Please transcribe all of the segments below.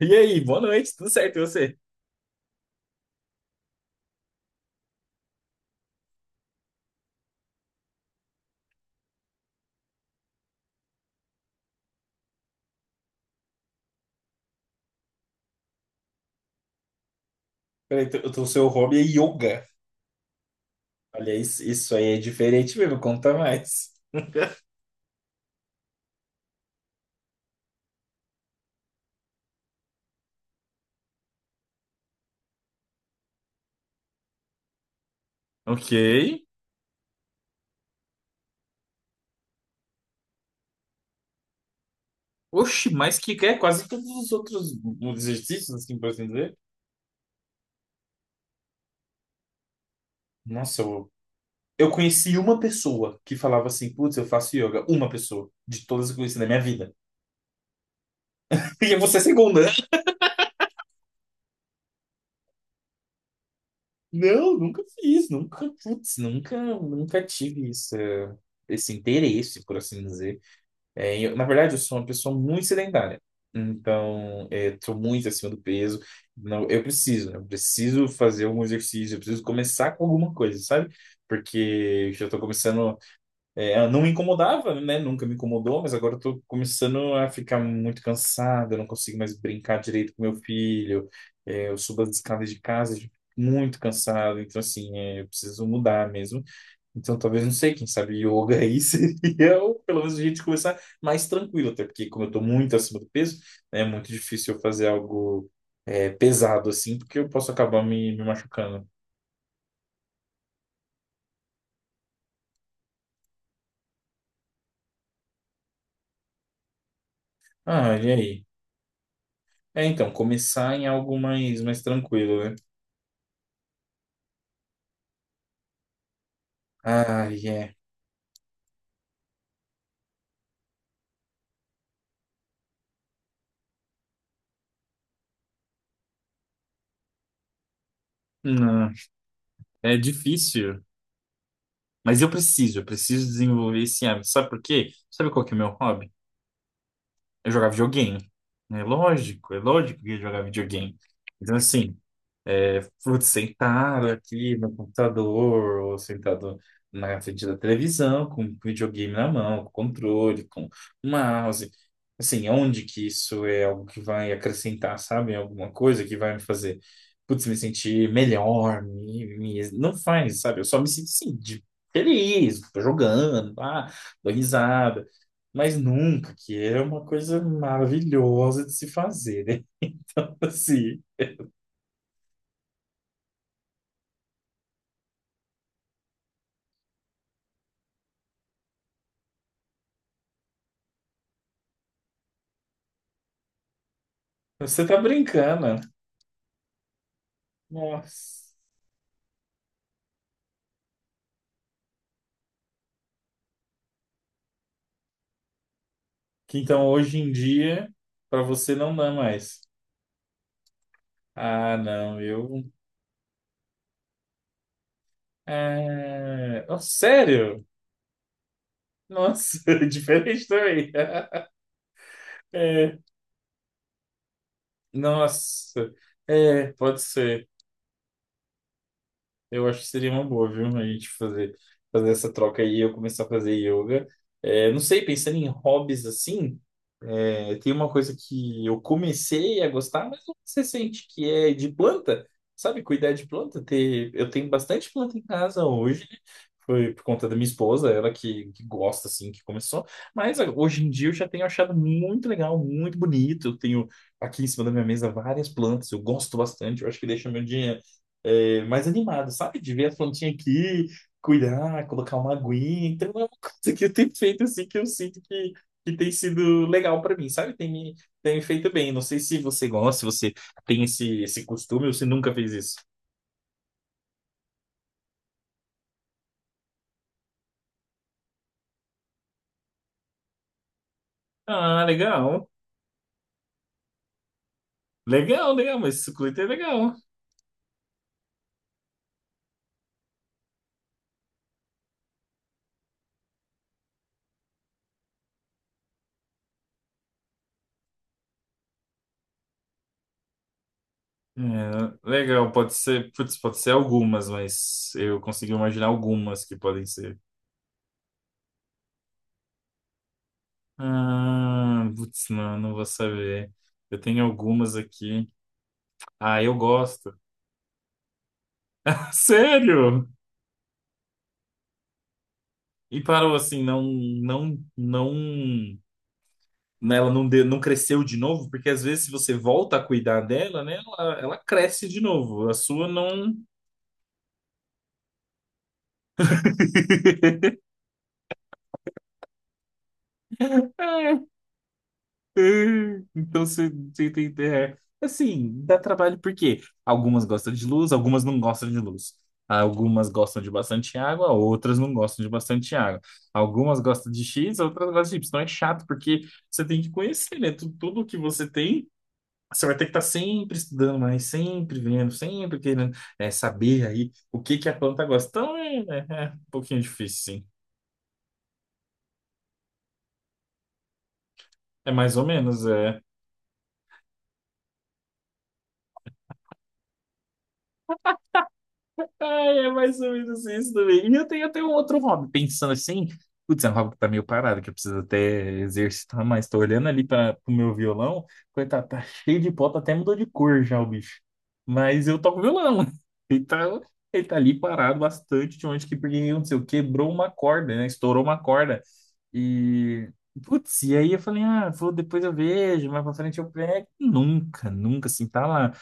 E aí, boa noite, tudo certo, e você? Peraí, então o seu hobby é yoga. Olha, isso aí é diferente mesmo, conta mais. Ok. Oxi, mas que é quase todos os outros exercícios, assim, por assim dizer. Nossa, eu conheci uma pessoa que falava assim, putz, eu faço yoga. Uma pessoa, de todas que eu conheci na minha vida. E você é segunda. Não, nunca fiz, nunca, putz, nunca tive esse interesse, por assim dizer. É, na verdade, eu sou uma pessoa muito sedentária. Então, estou muito acima do peso. Não, eu preciso, né? Eu preciso fazer algum exercício, eu preciso começar com alguma coisa, sabe? Porque eu já estou começando. Eu não me incomodava, né? Nunca me incomodou, mas agora eu estou começando a ficar muito cansado. Eu não consigo mais brincar direito com meu filho. Eu subo as escadas de casa. Eu fico muito cansado, então assim, eu preciso mudar mesmo. Então, talvez, não sei, quem sabe yoga aí seria, pelo menos, a gente começar mais tranquilo, até porque, como eu estou muito acima do peso, né, é muito difícil eu fazer algo pesado assim, porque eu posso acabar me machucando. Ah, e aí? É, então, começar em algo mais, mais tranquilo, né? Ah, é. Não, é difícil. Mas eu preciso desenvolver esse hábito. Sabe por quê? Sabe qual que é o meu hobby? Eu jogava videogame. É lógico que eu ia jogar videogame. Então, assim, putz, sentado aqui no computador, ou sentado na frente da televisão, com o videogame na mão, com controle, com mouse. Assim, onde que isso é algo que vai acrescentar, sabe? Alguma coisa que vai me fazer, putz, me sentir melhor, não faz, sabe? Eu só me sinto assim, feliz, tô jogando, ah, dou risada mas nunca, que é uma coisa maravilhosa de se fazer, né? Então, assim, você tá brincando, né? Nossa. Que então hoje em dia, pra você não dá mais. Ah, não, eu. Ah, oh, sério? Nossa, diferente também. É, nossa, é, pode ser. Eu acho que seria uma boa, viu? A gente fazer, fazer essa troca aí, eu começar a fazer yoga. É, não sei, pensando em hobbies assim, tem uma coisa que eu comecei a gostar, mas não se sente que é de planta, sabe? Cuidar de planta. Ter, eu tenho bastante planta em casa hoje, né? Foi por conta da minha esposa, ela que gosta, assim, que começou. Mas ah, hoje em dia eu já tenho achado muito legal, muito bonito. Eu tenho aqui em cima da minha mesa várias plantas, eu gosto bastante, eu acho que deixa meu dia mais animado, sabe? De ver a plantinha aqui, cuidar, colocar uma aguinha. Então é uma coisa que eu tenho feito assim que eu sinto que tem sido legal pra mim, sabe? Tem me feito bem. Não sei se você gosta, se você tem esse costume ou se nunca fez isso. Ah, legal. Legal, legal, mas suculenta é legal. É, legal, pode ser, putz, pode ser algumas, mas eu consegui imaginar algumas que podem ser. Ah, putz, não vou saber. Eu tenho algumas aqui. Ah, eu gosto. Sério? E parou assim, não, não, não, né, ela não, não cresceu de novo, porque às vezes se você volta a cuidar dela, né, ela cresce de novo. A sua não. É, é. Então você, você tem. É. Assim, dá trabalho porque algumas gostam de luz, algumas não gostam de luz. Algumas gostam de bastante água, outras não gostam de bastante água. Algumas gostam de X, outras gostam de Y. Então é chato porque você tem que conhecer, né? Tudo que você tem. Você vai ter que estar sempre estudando mais, sempre vendo, sempre querendo saber aí o que que a planta gosta. Então é, né, é um pouquinho difícil, sim. É mais ou menos, é. Ai, é mais ou menos isso também. E eu tenho um outro hobby, pensando assim, putz, é um hobby que tá meio parado, que eu preciso até exercitar mais. Tô olhando ali para o meu violão, coitado, tá cheio de pó, tá até mudou de cor já o bicho. Mas eu toco violão, então ele tá ali parado bastante de onde que, porque, não sei, quebrou uma corda, né? Estourou uma corda. E, putz, e aí eu falei, ah, vou, depois eu vejo, mais pra frente eu pego. Nunca, nunca, assim, tá lá.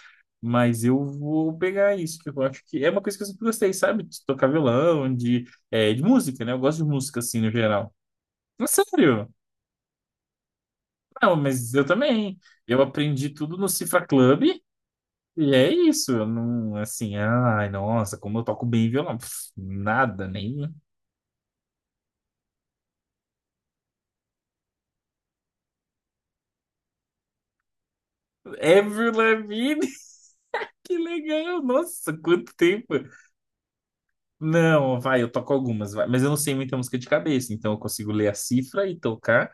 Mas eu vou pegar isso, que eu acho que é uma coisa que eu sempre gostei, sabe? De tocar violão, de, de música, né? Eu gosto de música, assim, no geral. Não, sério? Não, mas eu também. Eu aprendi tudo no Cifra Club e é isso. Eu não, assim, ai, nossa, como eu toco bem violão. Pff, nada, nem... Avril Lavigne, que legal! Nossa, quanto tempo! Não, vai, eu toco algumas, vai. Mas eu não sei muita música de cabeça, então eu consigo ler a cifra e tocar.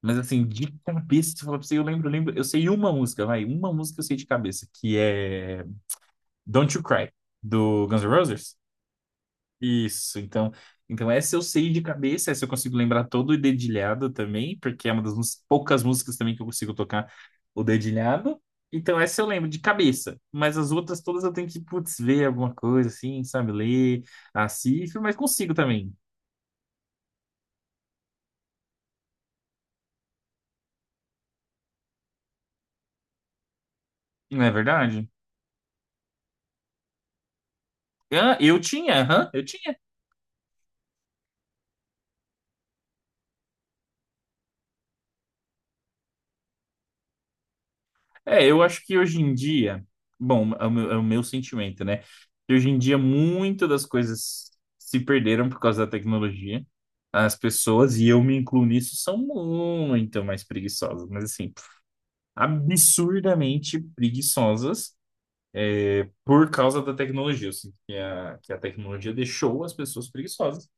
Mas assim, de cabeça, se eu falar pra você, eu lembro. Eu sei uma música, vai. Uma música eu sei de cabeça, que é Don't You Cry, do Guns N' Roses. Isso, então, então essa eu sei de cabeça, essa eu consigo lembrar todo o dedilhado também, porque é uma poucas músicas também que eu consigo tocar o dedilhado. Então essa eu lembro de cabeça, mas as outras todas eu tenho que, putz, ver alguma coisa assim, sabe, ler a cifra, mas consigo também. Não é verdade? Ah, eu tinha, aham, eu tinha. É, eu acho que hoje em dia, bom, é o meu sentimento, né? Que hoje em dia muitas das coisas se perderam por causa da tecnologia. As pessoas, e eu me incluo nisso, são muito mais preguiçosas, mas assim, absurdamente preguiçosas, por causa da tecnologia. Eu sinto que a tecnologia deixou as pessoas preguiçosas.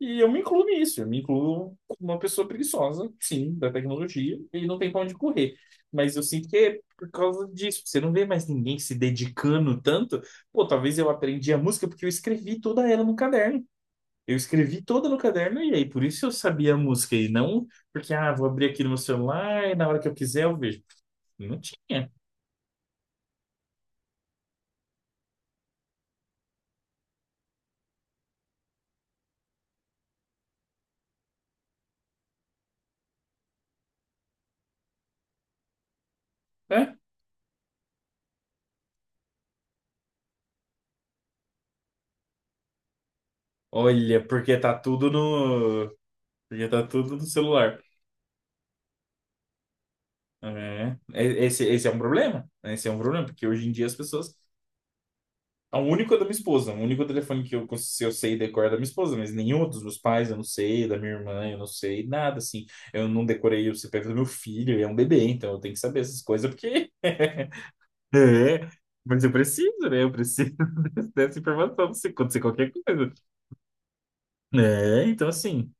E eu me incluo nisso, eu me incluo como uma pessoa preguiçosa, sim, da tecnologia, e não tem pra onde correr. Mas eu sinto que é por causa disso. Você não vê mais ninguém se dedicando tanto. Pô, talvez eu aprendi a música porque eu escrevi toda ela no caderno. Eu escrevi toda no caderno e aí por isso eu sabia a música e não porque, ah, vou abrir aqui no meu celular e na hora que eu quiser eu vejo. Não tinha, né? Olha, porque tá tudo no, porque tá tudo no celular. É, esse, esse é um problema, né? Esse é um problema, porque hoje em dia as pessoas. O único é da minha esposa, o único telefone que eu, eu sei decorar é da minha esposa, mas nenhum dos meus pais eu não sei, da minha irmã eu não sei, nada assim. Eu não decorei o CPF do meu filho, ele é um bebê, então eu tenho que saber essas coisas porque. É, mas eu preciso, né? Eu preciso dessa informação pra você acontecer qualquer coisa. É, então assim.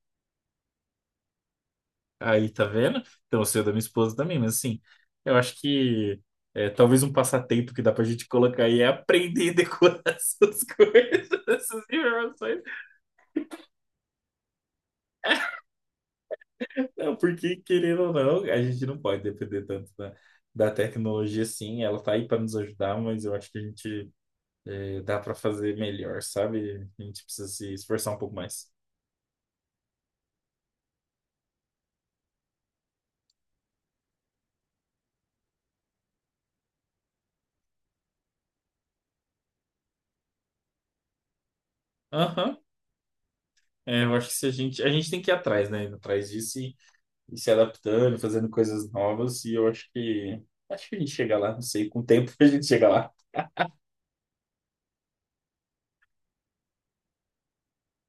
Aí, tá vendo? Então, eu sei da minha esposa também, mas assim, eu acho que talvez um passatempo que dá pra gente colocar aí é aprender a decorar essas coisas, essas informações. Não, porque, querendo ou não, a gente não pode depender tanto da tecnologia, sim. Ela tá aí pra nos ajudar, mas eu acho que a gente dá pra fazer melhor, sabe? A gente precisa se esforçar um pouco mais. Aham. É, eu acho que se a gente, a gente tem que ir atrás, né? Atrás disso e se adaptando, fazendo coisas novas, e eu acho que a gente chega lá, não sei, com o tempo a gente chega lá.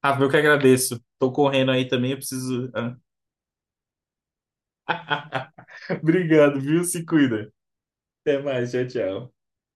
Rafa, eu que agradeço. Tô correndo aí também, eu preciso. Obrigado, viu? Se cuida. Até mais, tchau, tchau.